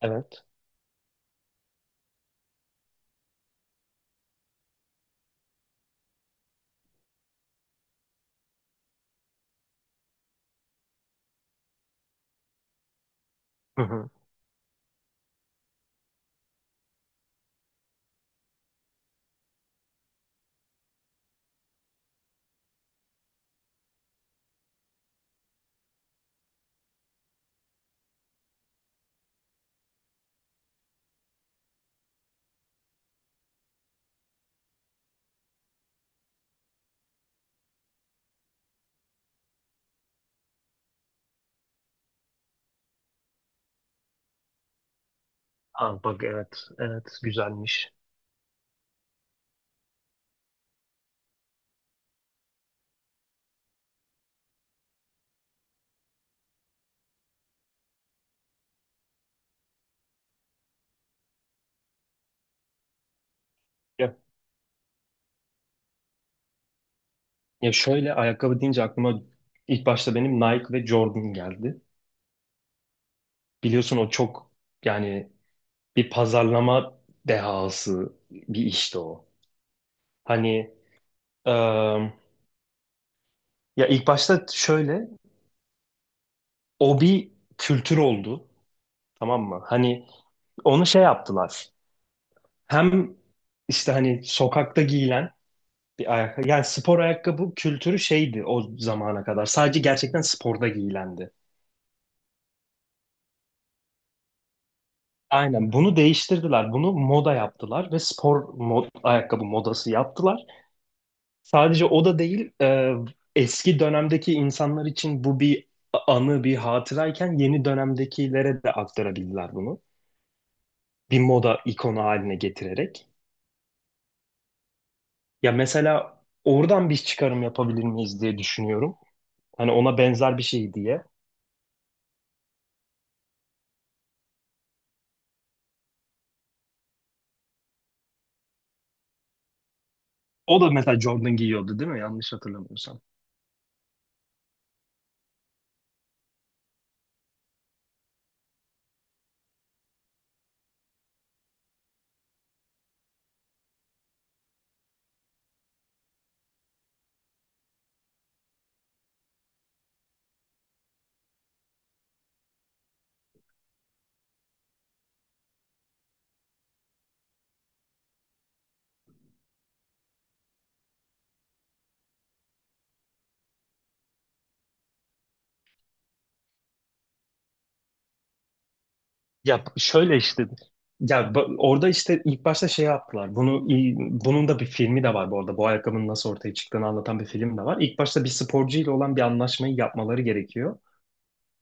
Evet. Hı hı. Aa, bak evet. Evet. Güzelmiş. Ya, ya, şöyle ayakkabı deyince aklıma ilk başta benim Nike ve Jordan geldi. Biliyorsun o çok yani bir pazarlama dehası bir işti o. Hani ıı, ya ilk başta şöyle o bir kültür oldu. Tamam mı? Hani onu şey yaptılar. Hem işte hani sokakta giyilen bir ayakkabı. Yani spor ayakkabı kültürü şeydi o zamana kadar. Sadece gerçekten sporda giyilendi. Aynen bunu değiştirdiler. Bunu moda yaptılar ve spor mod, ayakkabı modası yaptılar. Sadece o da değil, eski dönemdeki insanlar için bu bir anı, bir hatırayken yeni dönemdekilere de aktarabildiler bunu. Bir moda ikonu haline getirerek. Ya mesela oradan bir çıkarım yapabilir miyiz diye düşünüyorum. Hani ona benzer bir şey diye. O da mesela Jordan giyiyordu değil mi? Yanlış hatırlamıyorsam. Ya şöyle işte ya orada işte ilk başta şey yaptılar. Bunun da bir filmi de var bu arada. Bu ayakkabının nasıl ortaya çıktığını anlatan bir film de var. İlk başta bir sporcu ile olan bir anlaşmayı yapmaları gerekiyor.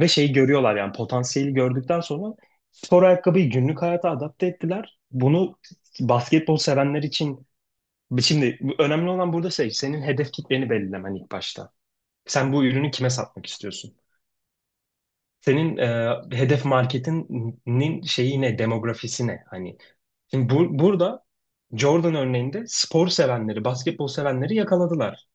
Ve şeyi görüyorlar yani potansiyeli gördükten sonra spor ayakkabıyı günlük hayata adapte ettiler. Bunu basketbol sevenler için şimdi önemli olan burada şey senin hedef kitleni belirlemen ilk başta. Sen bu ürünü kime satmak istiyorsun? Senin hedef marketinin şeyi ne, demografisi ne? Hani şimdi burada Jordan örneğinde spor sevenleri, basketbol sevenleri yakaladılar.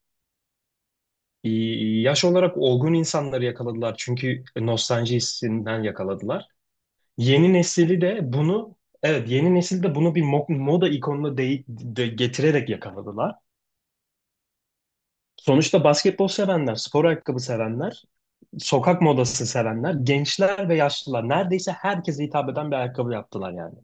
Yaş olarak olgun insanları yakaladılar çünkü nostalji hissinden yakaladılar. Yeni nesili de bunu, evet yeni nesil de bunu bir moda ikonuna getirerek yakaladılar. Sonuçta basketbol sevenler, spor ayakkabı sevenler, sokak modası sevenler, gençler ve yaşlılar neredeyse herkese hitap eden bir ayakkabı yaptılar yani.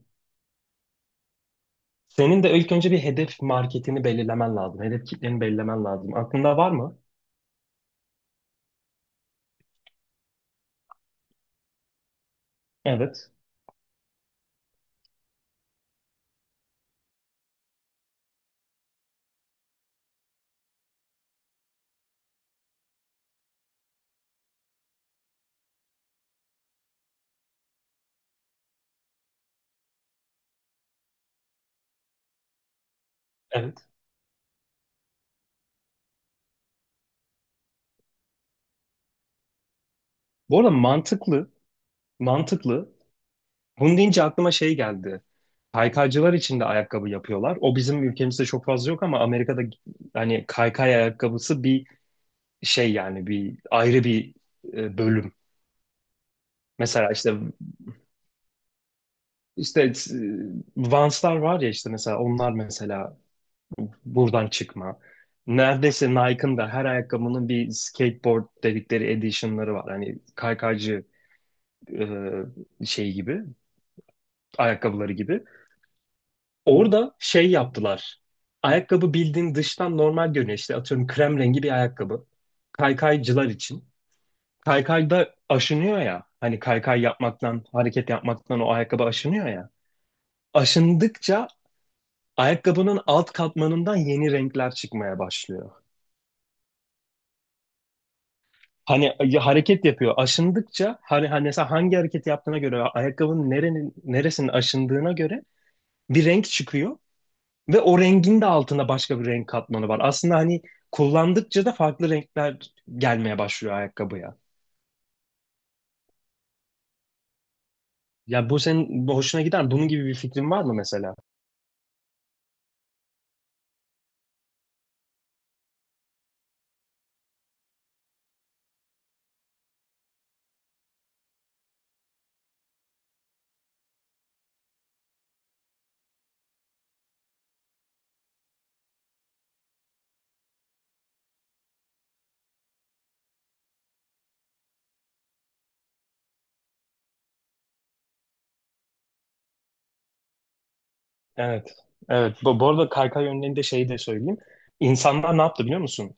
Senin de ilk önce bir hedef marketini belirlemen lazım. Hedef kitleni belirlemen lazım. Aklında var mı? Evet. Evet. Bu arada mantıklı. Mantıklı. Bunu deyince aklıma şey geldi. Kaykaycılar için de ayakkabı yapıyorlar. O bizim ülkemizde çok fazla yok ama Amerika'da hani kaykay ayakkabısı bir şey yani bir ayrı bir bölüm. Mesela işte işte e, Vans'lar var ya işte mesela onlar mesela buradan çıkma. Neredeyse Nike'ın da her ayakkabının bir skateboard dedikleri edition'ları var. Hani kaykaycı e, şey gibi, ayakkabıları gibi. Orada şey yaptılar. Ayakkabı bildiğin dıştan normal görünüyor. İşte atıyorum krem rengi bir ayakkabı. Kaykaycılar için. Kaykayda aşınıyor ya. Hani kaykay yapmaktan, hareket yapmaktan o ayakkabı aşınıyor ya. Aşındıkça ayakkabının alt katmanından yeni renkler çıkmaya başlıyor. Hani ya hareket yapıyor. Aşındıkça hani mesela hangi hareket yaptığına göre ayakkabının neresinin aşındığına göre bir renk çıkıyor ve o rengin de altında başka bir renk katmanı var. Aslında hani kullandıkça da farklı renkler gelmeye başlıyor ayakkabıya. Ya bu senin hoşuna gider. Bunun gibi bir fikrin var mı mesela? Evet. Evet. Bu arada kaykay yönlerinde şeyi de söyleyeyim. İnsanlar ne yaptı biliyor musun?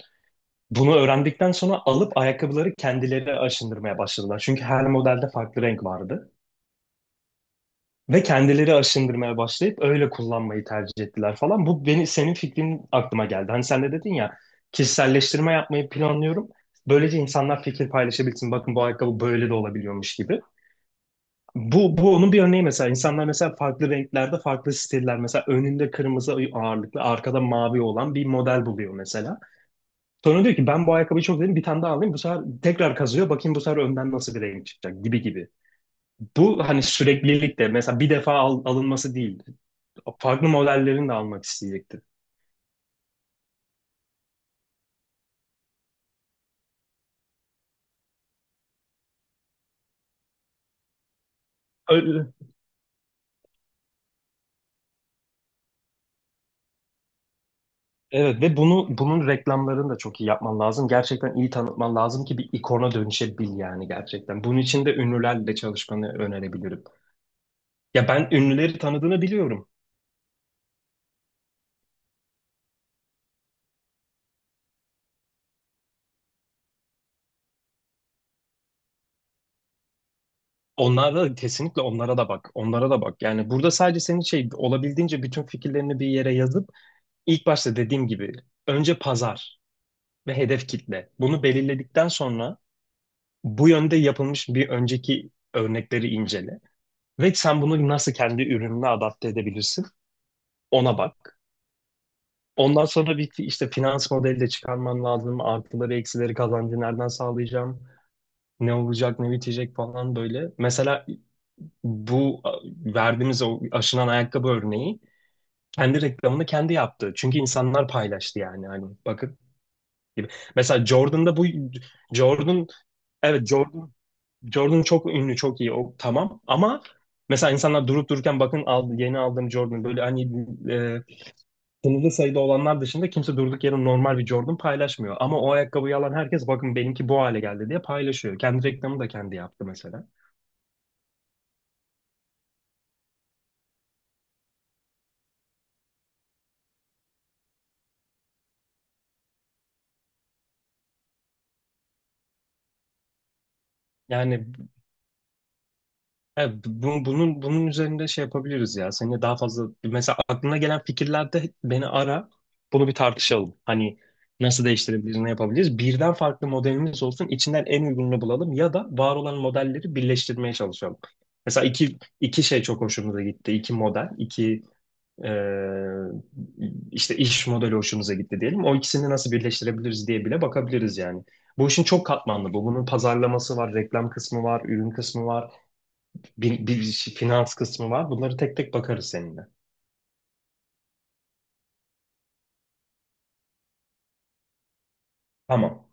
Bunu öğrendikten sonra alıp ayakkabıları kendileri aşındırmaya başladılar. Çünkü her modelde farklı renk vardı. Ve kendileri aşındırmaya başlayıp öyle kullanmayı tercih ettiler falan. Bu beni senin fikrin aklıma geldi. Hani sen de dedin ya kişiselleştirme yapmayı planlıyorum. Böylece insanlar fikir paylaşabilsin. Bakın bu ayakkabı böyle de olabiliyormuş gibi. Bu onun bir örneği mesela. İnsanlar mesela farklı renklerde farklı stiller. Mesela önünde kırmızı ağırlıklı, arkada mavi olan bir model buluyor mesela. Sonra diyor ki ben bu ayakkabıyı çok sevdim bir tane daha alayım. Bu sefer tekrar kazıyor. Bakayım bu sefer önden nasıl bir renk çıkacak gibi gibi. Bu hani süreklilik de mesela bir defa alınması değil farklı modellerini de almak isteyecektir. Öyle. Evet ve bunun reklamlarını da çok iyi yapman lazım. Gerçekten iyi tanıtman lazım ki bir ikona dönüşebil yani gerçekten. Bunun için de ünlülerle çalışmanı önerebilirim. Ya ben ünlüleri tanıdığını biliyorum. Onlara da bak. Onlara da bak. Yani burada sadece senin şey olabildiğince bütün fikirlerini bir yere yazıp ilk başta dediğim gibi önce pazar ve hedef kitle. Bunu belirledikten sonra bu yönde yapılmış bir önceki örnekleri incele. Ve sen bunu nasıl kendi ürününe adapte edebilirsin? Ona bak. Ondan sonra bir işte finans modeli de çıkarman lazım. Artıları, eksileri, kazancı nereden sağlayacağım? Ne olacak, ne bitecek falan böyle. Mesela bu verdiğimiz o aşınan ayakkabı örneği kendi reklamını kendi yaptı. Çünkü insanlar paylaştı yani. Hani bakın gibi. Mesela Jordan'da bu Jordan evet Jordan Jordan çok ünlü, çok iyi. O tamam ama mesela insanlar durup dururken bakın aldı, yeni aldığım Jordan böyle hani e, sınırlı sayıda olanlar dışında kimse durduk yere normal bir Jordan paylaşmıyor. Ama o ayakkabıyı alan herkes bakın benimki bu hale geldi diye paylaşıyor. Kendi reklamı da kendi yaptı mesela. Yani evet, bunun üzerinde şey yapabiliriz ya. Seninle daha fazla mesela aklına gelen fikirlerde beni ara. Bunu bir tartışalım. Hani nasıl değiştirebiliriz, ne yapabiliriz? Birden farklı modelimiz olsun. İçinden en uygununu bulalım ya da var olan modelleri birleştirmeye çalışalım. Mesela iki şey çok hoşumuza gitti. İki model, iki e, işte iş modeli hoşumuza gitti diyelim. O ikisini nasıl birleştirebiliriz diye bile bakabiliriz yani. Bu işin çok katmanlı. Bunun pazarlaması var, reklam kısmı var, ürün kısmı var finans kısmı var. Bunları tek tek bakarız seninle. Tamam.